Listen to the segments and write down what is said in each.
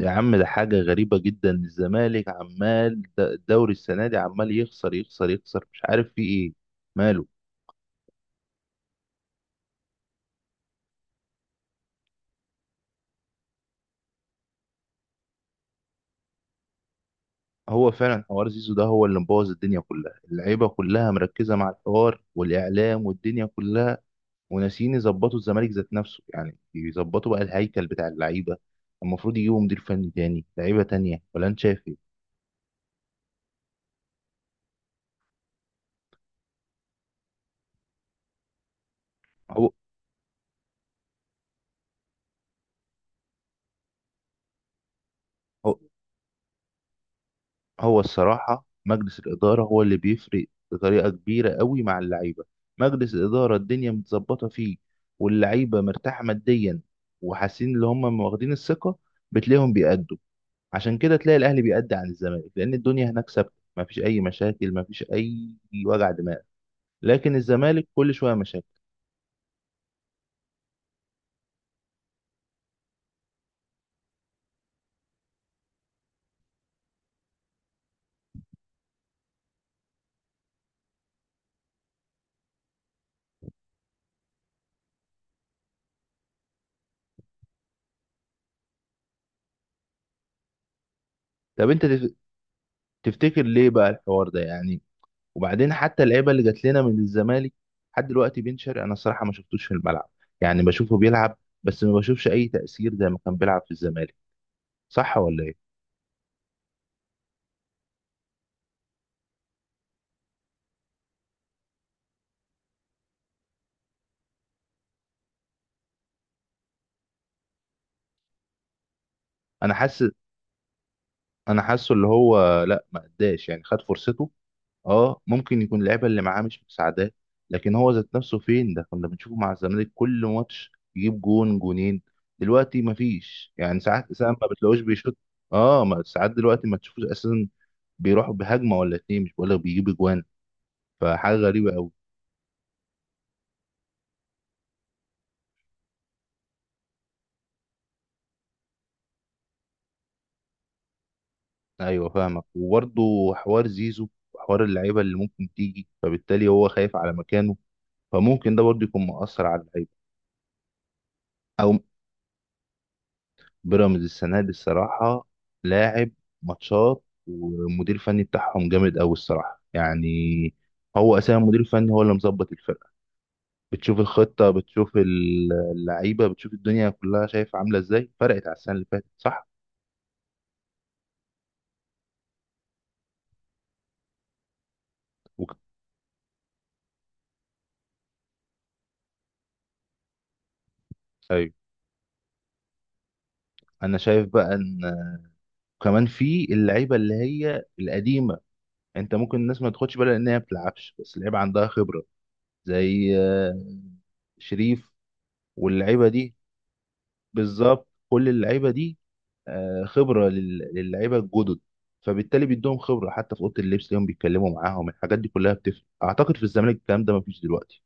يا عم ده حاجة غريبة جدا. الزمالك عمال الدوري السنة دي عمال يخسر يخسر يخسر، مش عارف في ايه ماله. هو فعلا حوار زيزو ده هو اللي مبوظ الدنيا كلها، اللعيبة كلها مركزة مع الحوار والإعلام والدنيا كلها، وناسيين يظبطوا الزمالك ذات نفسه، يعني يظبطوا بقى الهيكل بتاع اللعيبة. المفروض يجيبوا مدير فني تاني، لعيبة تانية، ولا انت شايف ايه؟ هو هو هو الصراحة مجلس الإدارة هو اللي بيفرق بطريقة كبيرة قوي مع اللعيبة. مجلس الإدارة الدنيا متظبطة فيه، واللعيبة مرتاحة ماديا، وحاسين اللي هم واخدين الثقة، بتلاقيهم بيأدوا. عشان كده تلاقي الأهلي بيأدي عن الزمالك، لأن الدنيا هناك ثابتة، مفيش أي مشاكل، مفيش أي وجع دماغ. لكن الزمالك كل شوية مشاكل. طب أنت تفتكر ليه بقى الحوار ده يعني؟ وبعدين حتى اللعيبه اللي جات لنا من الزمالك لحد دلوقتي، بن شرقي انا الصراحه ما شفتوش في الملعب. يعني بشوفه بيلعب بس ما بشوفش اي تاثير زي ما كان بيلعب في الزمالك، صح ولا ايه؟ انا حاسس، انا حاسه اللي هو لا ما اداش يعني خد فرصته. اه ممكن يكون اللعيبه اللي معاه مش مساعداه، لكن هو ذات نفسه فين؟ ده كنا بنشوفه مع الزمالك كل ماتش يجيب جون جونين، دلوقتي ما فيش. يعني ساعات ساعات ما بتلاقوش بيشوط. اه ما ساعات دلوقتي ما تشوفوش اساسا، بيروحوا بهجمه ولا اتنين، مش بقول لك بيجيب اجوان. فحاجة غريبة أوي. أيوه فاهمك، وبرضه حوار زيزو وحوار اللعيبة اللي ممكن تيجي، فبالتالي هو خايف على مكانه، فممكن ده برضه يكون مؤثر على اللعيبة. أو بيراميدز السنة دي الصراحة لاعب ماتشات، والمدير الفني بتاعهم جامد أوي الصراحة. يعني هو أساسا المدير الفني هو اللي مظبط الفرقة. بتشوف الخطة، بتشوف اللعيبة، بتشوف الدنيا كلها شايف عاملة إزاي، فرقت على السنة اللي فاتت صح؟ وك- أيوه أنا شايف بقى إن وكمان في اللعيبه اللي هي القديمه، انت ممكن الناس ما تاخدش بالها لانها ما بتلعبش، بس اللعيبه عندها خبره. زي شريف. واللعيبه دي بالظبط، كل اللعيبه دي خبره للعيبه الجدد. فبالتالي بيدوهم خبره حتى في اوضه اللبس، ليهم بيتكلموا معاهم، الحاجات دي كلها بتفرق. اعتقد في الزمالك الكلام ده مفيش دلوقتي.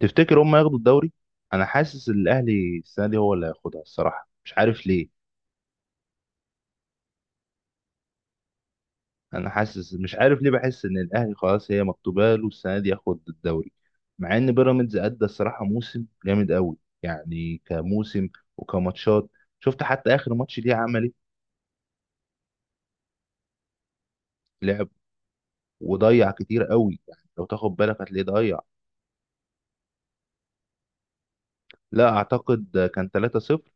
تفتكر هم ياخدوا الدوري؟ انا حاسس الاهلي السنه دي هو اللي هياخدها الصراحه، مش عارف ليه. انا حاسس مش عارف ليه، بحس ان الاهلي خلاص هي مكتوبه له السنه دي ياخد الدوري، مع ان بيراميدز ادى الصراحه موسم جامد قوي. يعني كموسم وكماتشات، شفت حتى اخر ماتش ليه عمل ايه؟ لعب وضيع كتير قوي، يعني لو تاخد بالك هتلاقيه ضيع. لا اعتقد كان 3-0.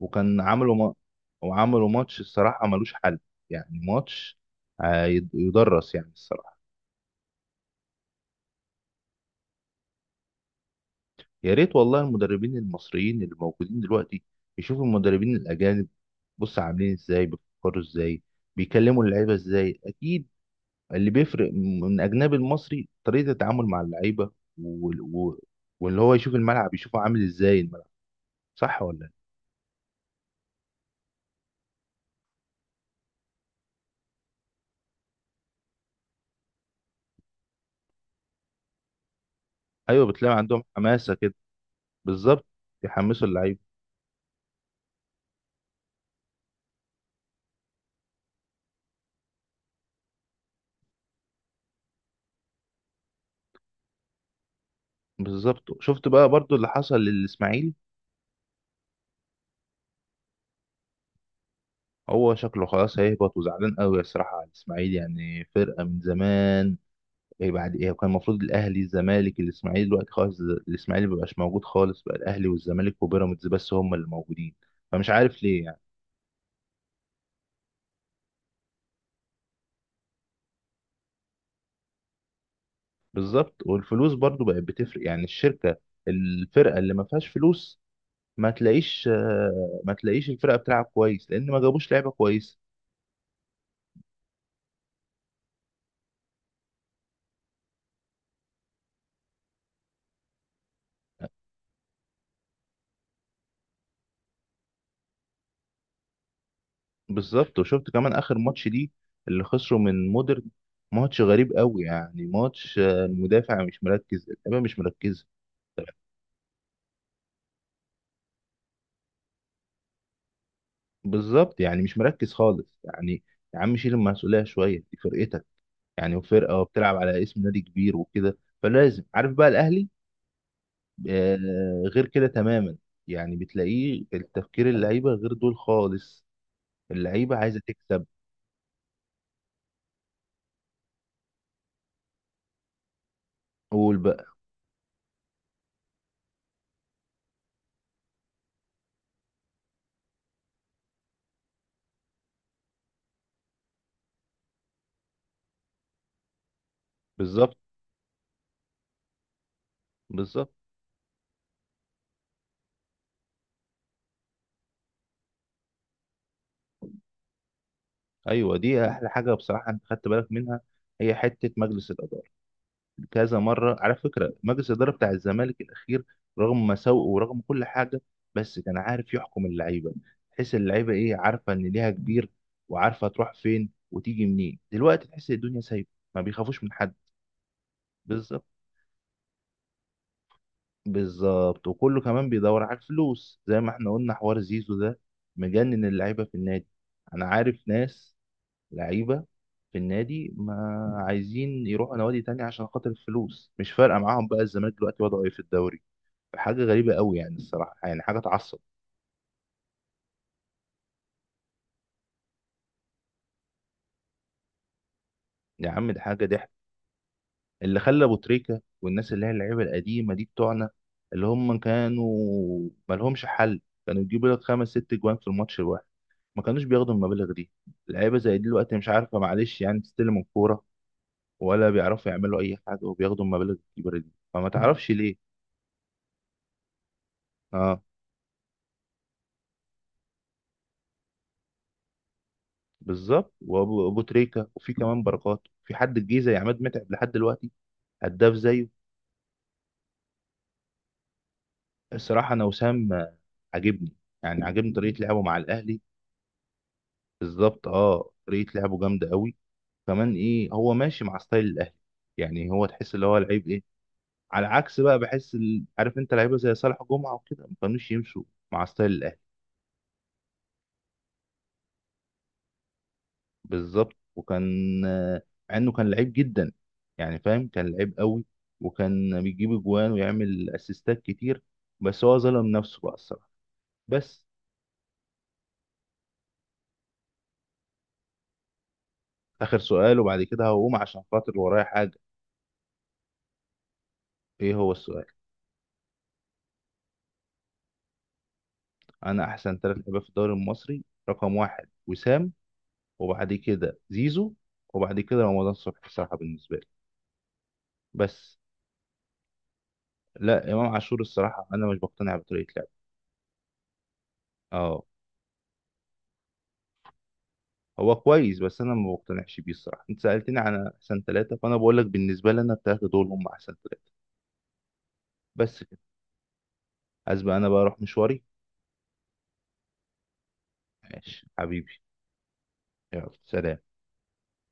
وكان عملوا ما... وعملوا ماتش الصراحه ملوش حل. يعني ماتش يدرس يعني الصراحه. يا ريت والله المدربين المصريين اللي موجودين دلوقتي يشوفوا المدربين الاجانب، بص عاملين ازاي، بيفكروا ازاي، بيكلموا اللعيبه ازاي. اكيد اللي بيفرق من اجنبي المصري طريقه التعامل مع اللعيبه، وال- و- واللي هو يشوف الملعب يشوفه عامل ازاي الملعب، صح ولا لا؟ ايوه بتلاقي عندهم حماسه كده. بالظبط، يحمسوا اللعيبه. بالظبط شفت بقى برضو اللي حصل للاسماعيلي. هو شكله خلاص هيهبط، وزعلان قوي الصراحه على الاسماعيلي، يعني فرقه من زمان. إيه بعد ايه؟ كان المفروض الاهلي الزمالك الاسماعيلي، دلوقتي خالص الاسماعيلي مبقاش موجود خالص، بقى الاهلي والزمالك وبيراميدز بس هم اللي موجودين. فمش عارف ليه يعني. بالظبط، والفلوس برضو بقت بتفرق. يعني الشركه، الفرقه اللي ما فيهاش فلوس ما تلاقيش ما تلاقيش الفرقه بتلعب كويس لان ما جابوش لعيبه كويسه. بالظبط، وشفت كمان اخر ماتش دي اللي خسروا من مودرن. ماتش غريب قوي، يعني ماتش المدافع مش مركز، اللعيبه مش مركزه. بالظبط، يعني مش مركز خالص يعني. يا عم شيل المسؤوليه شويه، دي فرقتك يعني، وفرقه وبتلعب على اسم نادي كبير وكده، فلازم. عارف بقى الاهلي آه غير كده تماما، يعني بتلاقيه التفكير اللعيبه غير دول خالص. اللعيبه عايزه تكسب. قول بقى. بالظبط بالظبط. ايوه دي احلى حاجه بصراحه انت خدت بالك منها. هي حته مجلس الاداره، كذا مره على فكره مجلس الاداره بتاع الزمالك الاخير، رغم مساوئه ورغم كل حاجه، بس كان عارف يحكم اللعيبه. تحس اللعيبه ايه؟ عارفه ان ليها كبير، وعارفه تروح فين وتيجي منين. دلوقتي تحس الدنيا سايبه، ما بيخافوش من حد. بالظبط. بالظبط وكله كمان بيدور على الفلوس، زي ما احنا قلنا حوار زيزو ده مجنن اللعيبه في النادي. انا عارف ناس لعيبه في النادي ما عايزين يروحوا نوادي تانية، عشان خاطر الفلوس مش فارقة معاهم بقى الزمالك دلوقتي وضعه ايه في الدوري. حاجه غريبه قوي، يعني الصراحه يعني حاجه تعصب. يا عم ده حاجه ضحك. اللي خلى ابو تريكه والناس اللي هي اللعيبه القديمه دي بتوعنا اللي هم كانوا مالهمش حل، كانوا يجيبوا لك 5 6 جوان في الماتش الواحد. ما كانوش بياخدوا المبالغ دي. اللعيبه زي دي دلوقتي مش عارفه معلش يعني تستلم الكوره، ولا بيعرفوا يعملوا اي حاجه، وبياخدوا المبالغ الكبيره دي. فما تعرفش ليه. اه بالظبط أبو تريكه، وفي كمان بركات، في حد الجيزه يا عماد متعب لحد دلوقتي هداف زيه؟ الصراحه انا وسام عاجبني، يعني عاجبني طريقه لعبه مع الاهلي. بالظبط اه، طريقه لعبه جامده قوي. كمان ايه، هو ماشي مع ستايل الاهلي. يعني هو تحس اللي هو لعيب ايه. على عكس بقى بحس عارف انت لعيبه زي صالح جمعه وكده ما كانوش يمشوا مع ستايل الاهلي. بالظبط. وكان آه، مع انه كان لعيب جدا، يعني فاهم كان لعيب قوي، وكان بيجيب اجوان ويعمل اسيستات كتير، بس هو ظلم نفسه بقى الصراحه. بس اخر سؤال وبعد كده هقوم عشان خاطر ورايا حاجه. ايه هو السؤال؟ انا احسن ثلاث لعيبه في الدوري المصري رقم واحد وسام، وبعد كده زيزو، وبعد كده رمضان صبحي الصراحه بالنسبه لي. بس لا، امام عاشور الصراحه انا مش بقتنع بطريقه لعبه. اه هو كويس بس انا ما بقتنعش بيه الصراحه. انت سالتني عن احسن ثلاثه فانا بقول لك بالنسبه لي انا الثلاثه دول هم احسن ثلاثه. بس كده. عايز بقى انا بقى اروح مشواري. ماشي حبيبي. يلا سلام.